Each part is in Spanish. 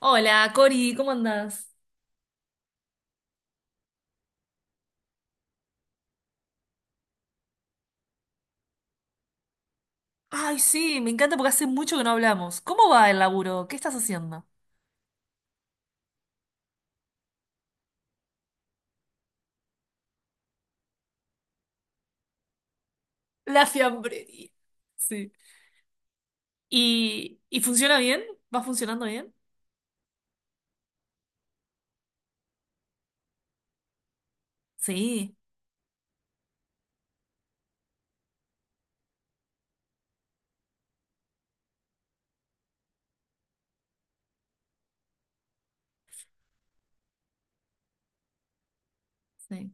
Hola, Cori, ¿cómo andás? Ay, sí, me encanta porque hace mucho que no hablamos. ¿Cómo va el laburo? ¿Qué estás haciendo? La fiambrería. Sí. ¿Y funciona bien? ¿Va funcionando bien? Sí, sí.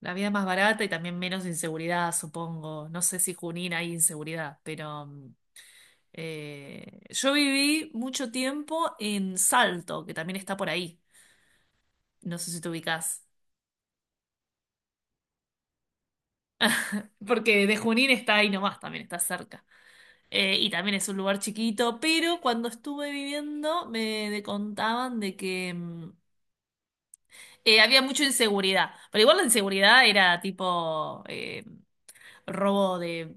La vida es más barata y también menos inseguridad, supongo. No sé si Junín hay inseguridad, pero yo viví mucho tiempo en Salto, que también está por ahí. No sé si te ubicás. Porque de Junín está ahí nomás, también está cerca. Y también es un lugar chiquito, pero cuando estuve viviendo me contaban de que había mucha inseguridad. Pero igual la inseguridad era tipo robo de,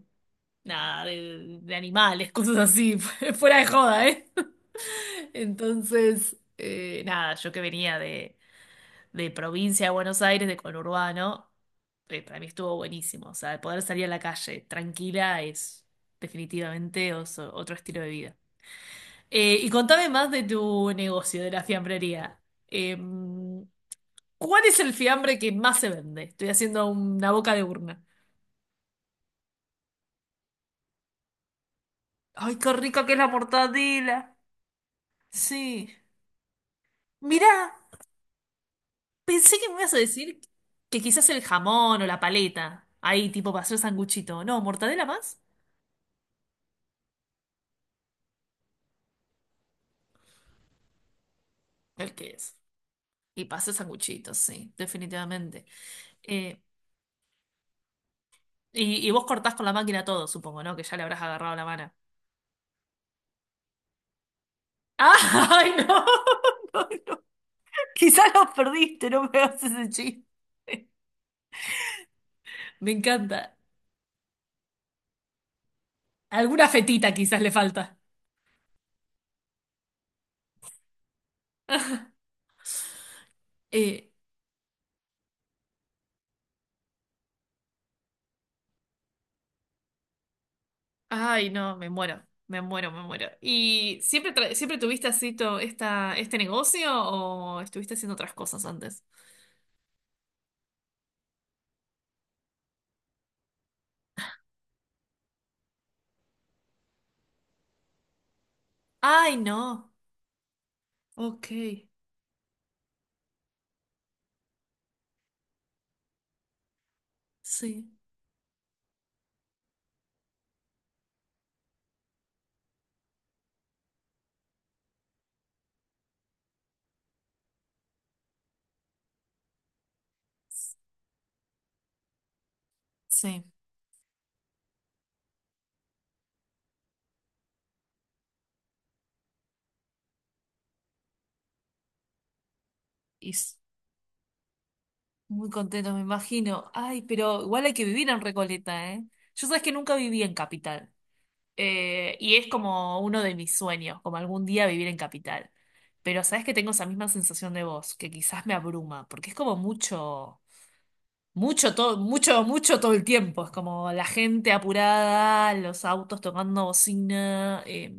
nada, de animales, cosas así, fuera de joda, ¿eh? Entonces, nada, yo que venía de provincia de Buenos Aires, de conurbano, para mí estuvo buenísimo. O sea, poder salir a la calle tranquila es definitivamente otro estilo de vida. Y contame más de tu negocio, de la fiambrería. Em, ¿Cuál es el fiambre que más se vende? Estoy haciendo una boca de urna. Ay, qué rica que es la mortadela. Sí. Mirá, pensé que me ibas a decir que quizás el jamón o la paleta. Ahí, tipo, para hacer sanguchito. No, mortadela más. El que es. Y para hacer sanguchito, sí, definitivamente. Eh, y vos cortás con la máquina todo, supongo, ¿no? Que ya le habrás agarrado la mano. ¡Ay, no! Quizás los perdiste, no me hagas ese chiste. Me encanta. Alguna fetita quizás le falta. Eh, ay, no, me muero, me muero, me muero. ¿Y siempre, siempre tuviste así este negocio o estuviste haciendo otras cosas antes? Ay, no. Ok, sí, sí. Y muy contento, me imagino. Ay, pero igual hay que vivir en Recoleta, ¿eh? Yo sabes que nunca viví en Capital. Y es como uno de mis sueños, como algún día vivir en capital. Pero sabes que tengo esa misma sensación de vos, que quizás me abruma, porque es como mucho, mucho todo el tiempo. Es como la gente apurada, los autos tocando bocina,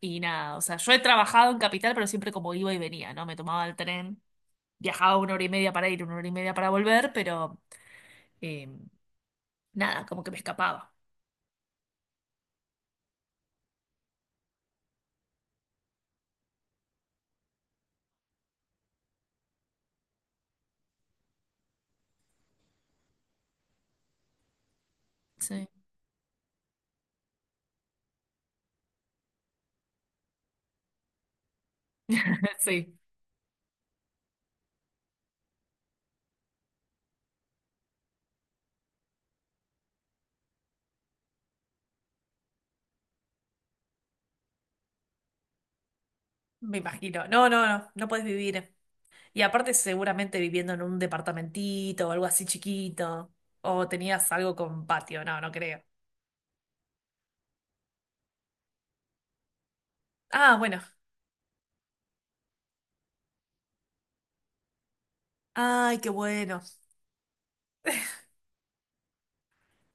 y nada. O sea, yo he trabajado en capital, pero siempre como iba y venía, ¿no? Me tomaba el tren, viajaba una hora y media para ir, una hora y media para volver, pero eh, nada, como que me escapaba. Sí. Sí. Me imagino. No, no, no, no puedes vivir. Y aparte seguramente viviendo en un departamentito o algo así chiquito. O tenías algo con patio, no, no creo. Ah, bueno. Ay, qué bueno.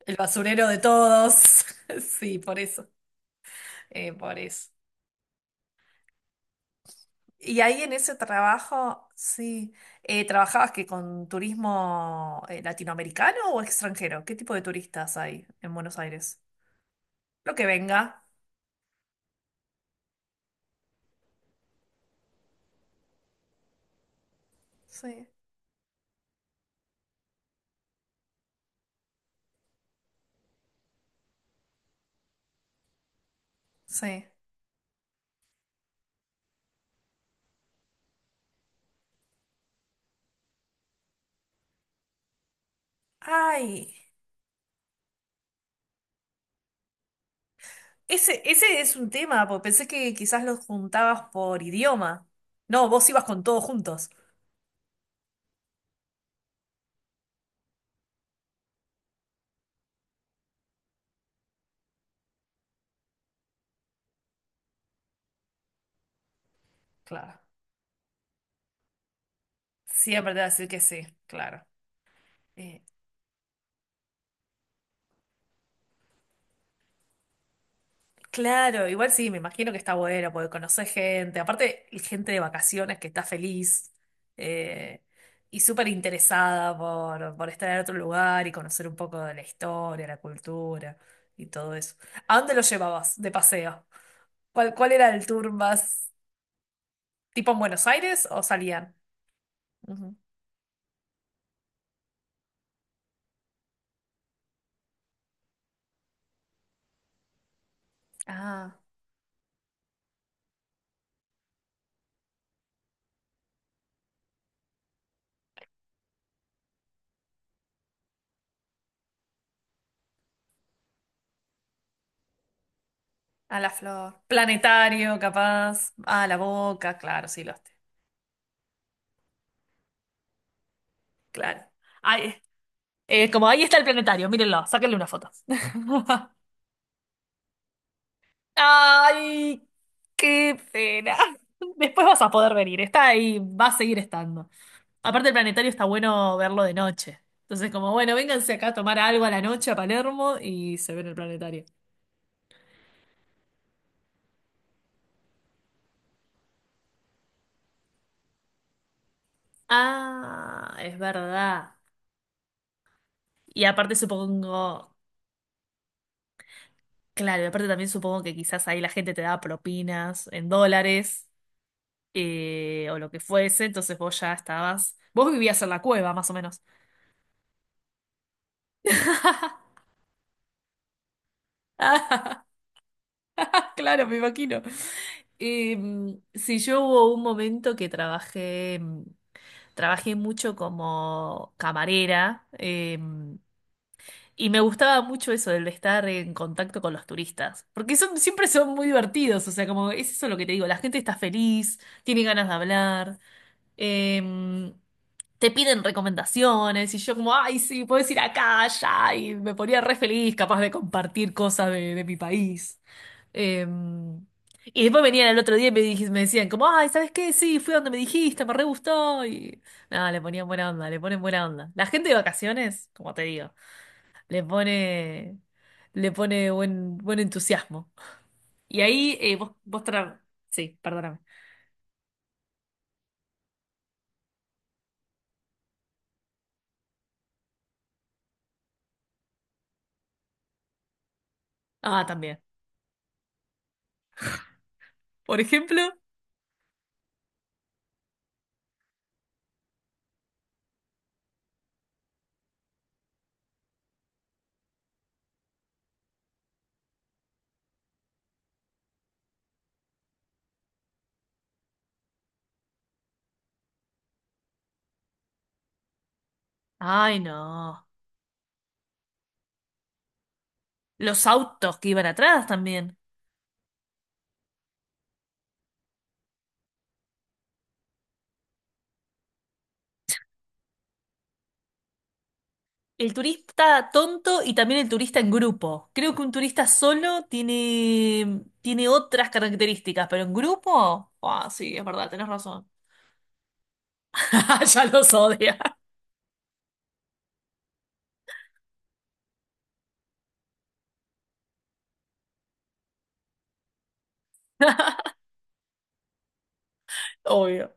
El basurero de todos. Sí, por eso. Por eso. Y ahí en ese trabajo, sí. ¿Trabajabas que con turismo latinoamericano o extranjero? ¿Qué tipo de turistas hay en Buenos Aires? Lo que venga. Sí, sí. Ay. Ese es un tema, porque pensé que quizás los juntabas por idioma. No, vos ibas con todos juntos. Claro. Siempre te va a decir que sí, claro. Eh, claro, igual sí, me imagino que está bueno, porque conoces gente, aparte gente de vacaciones que está feliz eh, y súper interesada por estar en otro lugar y conocer un poco de la historia, la cultura y todo eso. ¿A dónde lo llevabas de paseo? ¿Cuál era el tour más tipo en Buenos Aires o salían? Ujú. Ah, a la flor. Planetario, capaz. A la boca, claro, sí, los té. Claro. Ahí, como ahí está el planetario, mírenlo, sáquenle una foto. Ay, qué pena. Después vas a poder venir, está ahí, va a seguir estando. Aparte, el planetario está bueno verlo de noche. Entonces, como bueno, vénganse acá a tomar algo a la noche a Palermo y se ven el planetario. Ah, es verdad. Y aparte supongo. Claro, y aparte también supongo que quizás ahí la gente te daba propinas en dólares o lo que fuese, entonces vos ya estabas. Vos vivías en la cueva, más o menos. Claro, me imagino. Sí, yo hubo un momento que trabajé, mucho como camarera, y me gustaba mucho eso, el de estar en contacto con los turistas, porque siempre son muy divertidos, o sea, como es eso lo que te digo, la gente está feliz, tiene ganas de hablar. Em, Te piden recomendaciones y yo como, ay, sí, puedes ir acá, allá, y me ponía re feliz, capaz de compartir cosas de mi país. Em, y después venían el otro día y me, me decían como, ay, ¿sabes qué? Sí, fui a donde me dijiste, me re gustó. Y nada, le ponían buena onda, le ponen buena onda. La gente de vacaciones, como te digo, le pone, le pone buen entusiasmo. Y ahí vos Sí, perdóname. Ah, también. Por ejemplo. Ay, no. Los autos que iban atrás también. El turista tonto y también el turista en grupo. Creo que un turista solo tiene otras características, pero en grupo. Ah, sí, es verdad, tenés razón. Ya los odia. Obvio.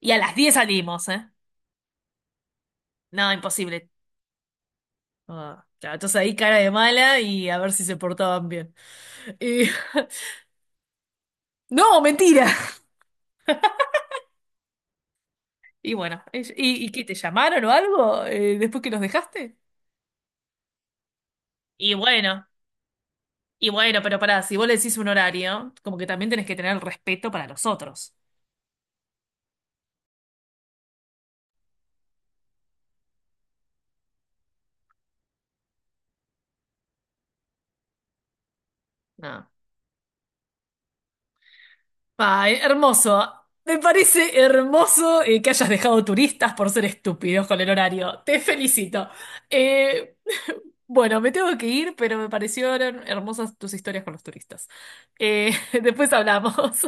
Y a las 10 salimos, ¿eh? No, imposible. Ah, claro, entonces ahí cara de mala y a ver si se portaban bien. Y- No, mentira. Y bueno, ¿y qué te llamaron o algo después que los dejaste? Y bueno. Y bueno, pero pará, si vos le decís un horario, como que también tenés que tener el respeto para los otros. No. Ay, hermoso. Me parece hermoso que hayas dejado turistas por ser estúpidos con el horario. Te felicito. Eh, bueno, me tengo que ir, pero me parecieron hermosas tus historias con los turistas. Eh, después hablamos.